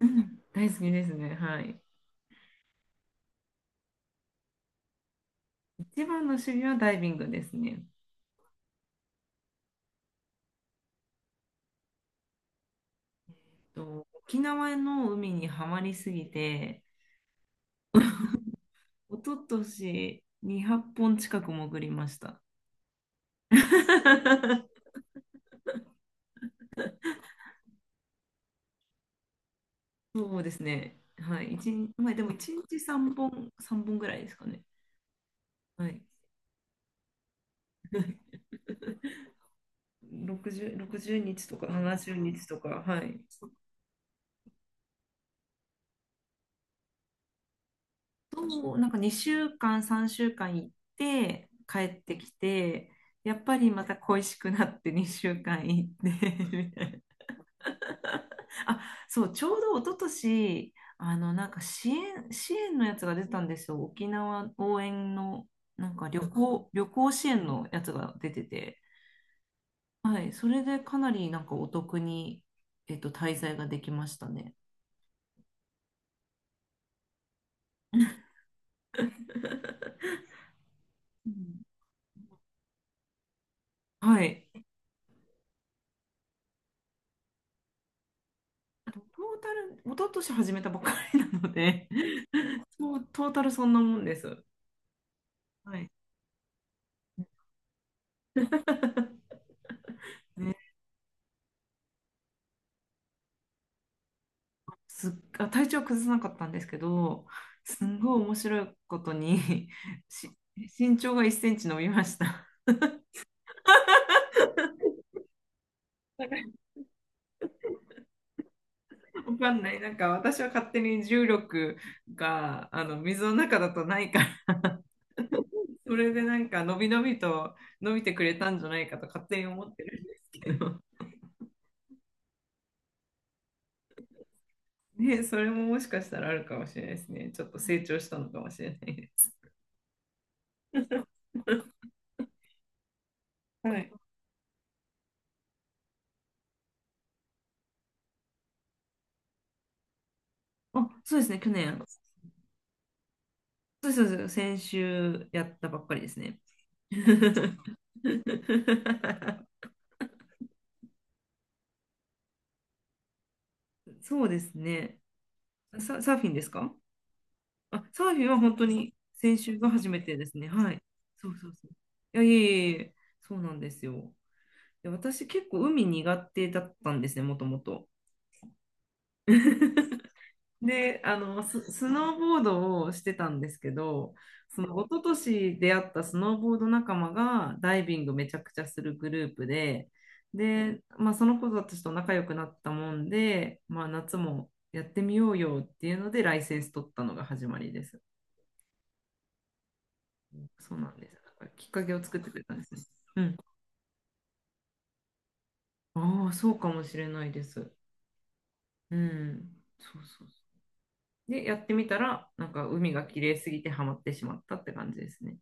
うん、大好きですね。はい。一番の趣味はダイビングですね。と沖縄の海にはまりすぎて、一昨年200本近く潜りました。そうですね。はい。一日、まあ、でも1日3本、3本ぐらいですかね。はい。60日とか70日とか、はい。そう、なんか2週間、3週間行って帰ってきて、やっぱりまた恋しくなって2週間行って みたいな。あ、そう、ちょうど一昨年、なんか支援のやつが出たんですよ。沖縄応援の、なんか旅行支援のやつが出てて。はい、それでかなりなんかお得に、滞在ができましたね。うん。はい。トータル、一昨年始めたばっかりなので、そうトータルそんなもんです。はい。すっあ、体調崩さなかったんですけど、すんごい面白いことにし身長が1センチ伸びました。わかんない。なんか私は勝手に重力があの水の中だとないから、それでなんか伸び伸びと伸びてくれたんじゃないかと勝手に思ってるんですけど。ね、それももしかしたらあるかもしれないですね。ちょっと成長したのかもしれないです。はい。あ、そうですね、去年。そうそうそう、先週やったばっかりですね。そうですね。サーフィンですか？あ、サーフィンは本当に先週が初めてですね。はい。そうそうそう。いや、いえいえいえ、そうなんですよ。で、私結構海苦手だったんですね、もともと。で、スノーボードをしてたんですけど、その一昨年出会ったスノーボード仲間がダイビングめちゃくちゃするグループで、まあ、その子たちと仲良くなったもんで、まあ、夏もやってみようよっていうので、ライセンス取ったのが始まりです。そうなんです。だからきっかけを作ってくれたんですね。うん。ああ、そうかもしれないです。うん。そうそうそう。で、やってみたら、なんか海が綺麗すぎてハマってしまったって感じですね。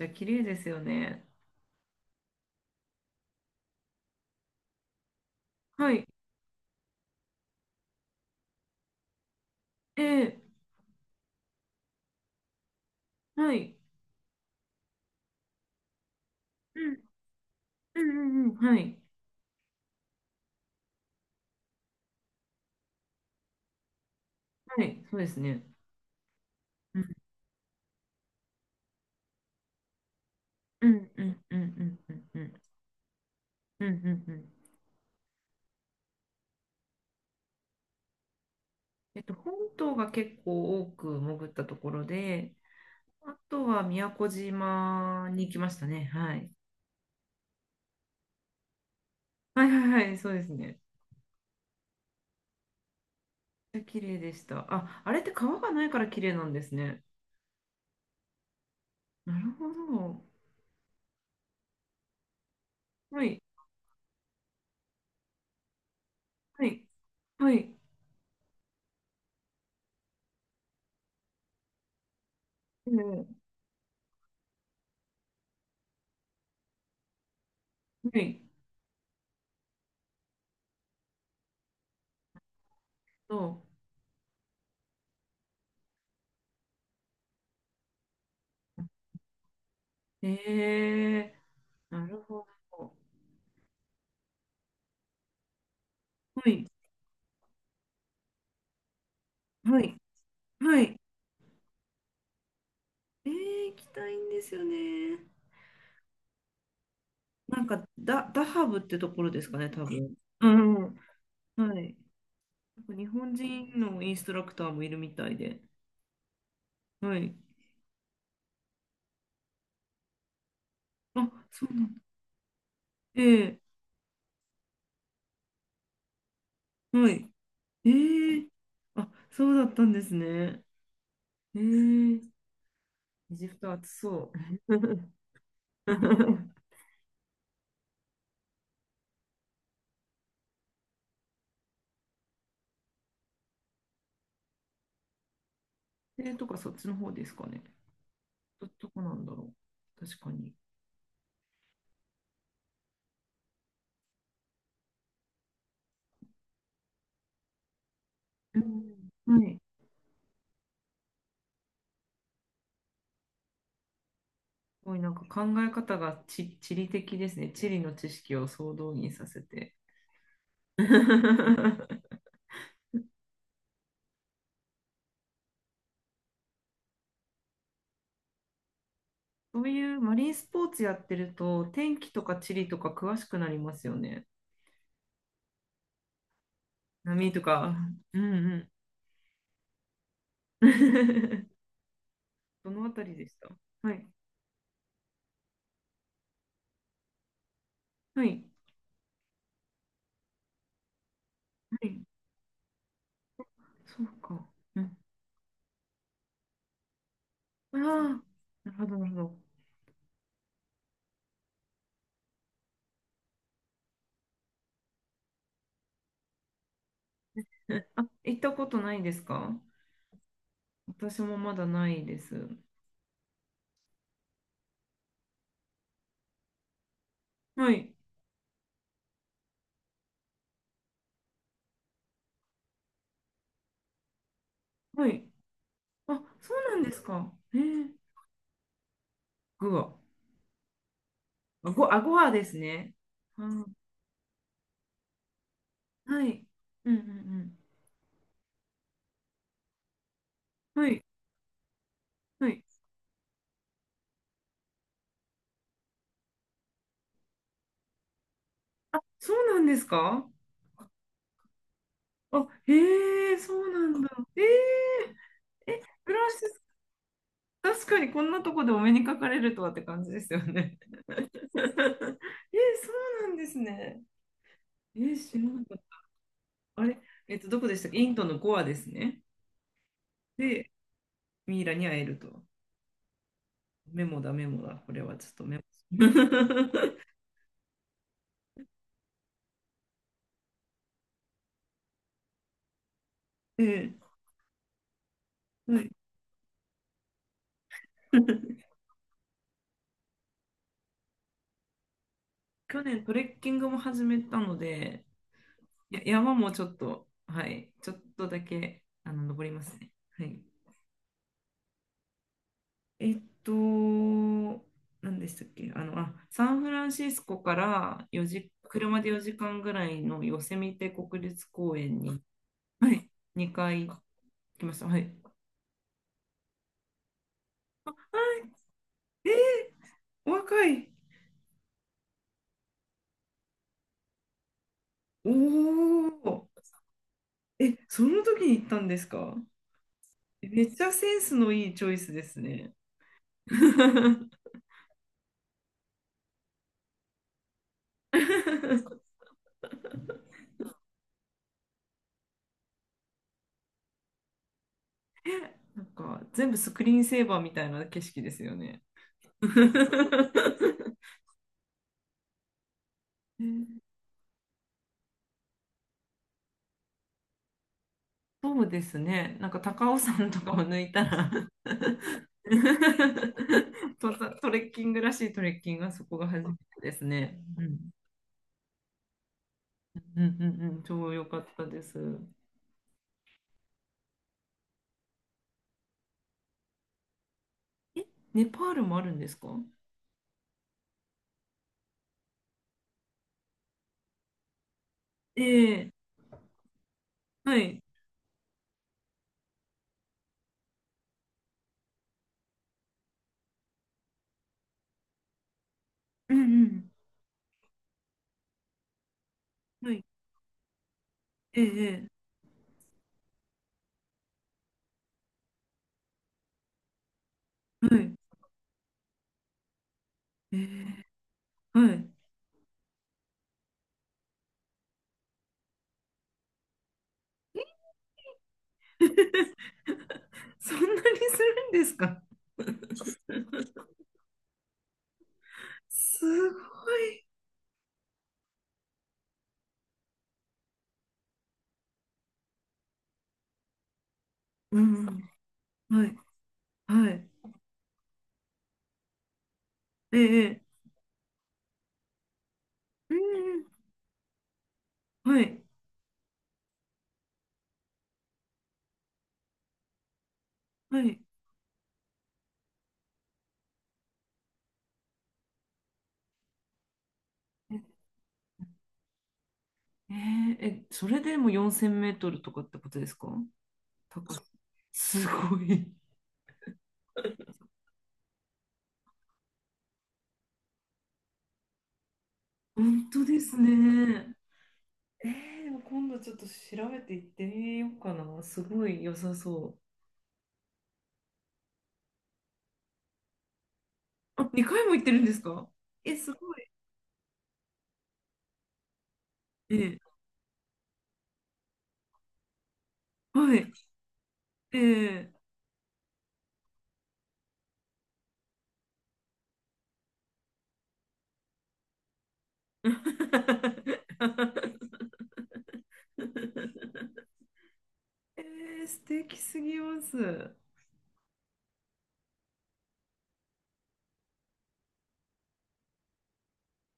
じゃあ、綺麗ですよね。はい。ええ。はい。うん、うん、うん、うん。はい。はい。そうですね。うん、うん、うん、うん、うん、うん、うん、うん、うん、うん。本島が結構多く潜ったところで、あとは宮古島に行きましたね。はい。はいはいはい、そうですね。綺麗でした。あ、あれって川がないから綺麗なんですね。なるほど。はい、はい、はい。ええ。はい。そう。ええ。なるほど。はい、はい、はい。ええ、行きたいんですよね。なんか、ダハブってところですかね、多分。うん、はい。なんか日本人のインストラクターもいるみたいで。はい。あ、そうなんだ。ええ。はい。ええ。あ、そうだったんですね。ええ。エジプト暑そう。ええ、とか、そっちの方ですかね。どこなんだろう。確かに。うん、はい。すごいなんか考え方が地理的ですね。地理の知識を総動員させて。そういうマリンスポーツやってると、天気とか地理とか詳しくなりますよね。波とか。うんうん。どのあたりでした？はい。はい。はい。そうか。うん。ああ、なるほど、なるほど。あ、行ったことないですか？私もまだないです。はい。はい。あ、そうなんですか。グア。あごはですね。あ、はい。うんうんうん。はい。はい。そうなんですか？あ、へえ、そうなんだ。ええ、え、フランシス、確かにこんなとこでお目にかかれるとはって感じですよね。え、そうなんですね。え、知らなかった。あれ、どこでしたっけ？インドのゴアですね。で、ミイラに会えると。メモだ、メモだ。これはちょっとメモ。ええ、はい。去年トレッキングも始めたので、山もちょっと、はい、ちょっとだけ、登りますね。はい。えっと、何でしたっけ？あ、サンフランシスコから4時、車で4時間ぐらいのヨセミテ国立公園に、はい、2回来ました。はい。お若い。おお。え、その時に行ったんですか？めっちゃセンスのいいチョイスですね。なんか全部スクリーンセーバーみたいな景色ですよね。そうですね。なんか高尾山とかを抜いたら トレッキングらしいトレッキングがそこが初めてですね。うん、うん、うん、うん、超良かったです。え、ネパールもあるんですか？ええ、はい。うん、うん、はい。ええ。はい。ええ。はい。そんなにするんですか？すごい。うん。はい。はい。ええ。うんうん。はい。はい。えええ、それでも4000メートルとかってことですか？高さ。すごい。本当ですね。ええ、でも今度ちょっと調べて行ってみようかな。すごい良さそう。あ、2回も行ってるんですか？え、すごい。ええ。はい。ええ。ええ、素敵すぎます。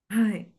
はい。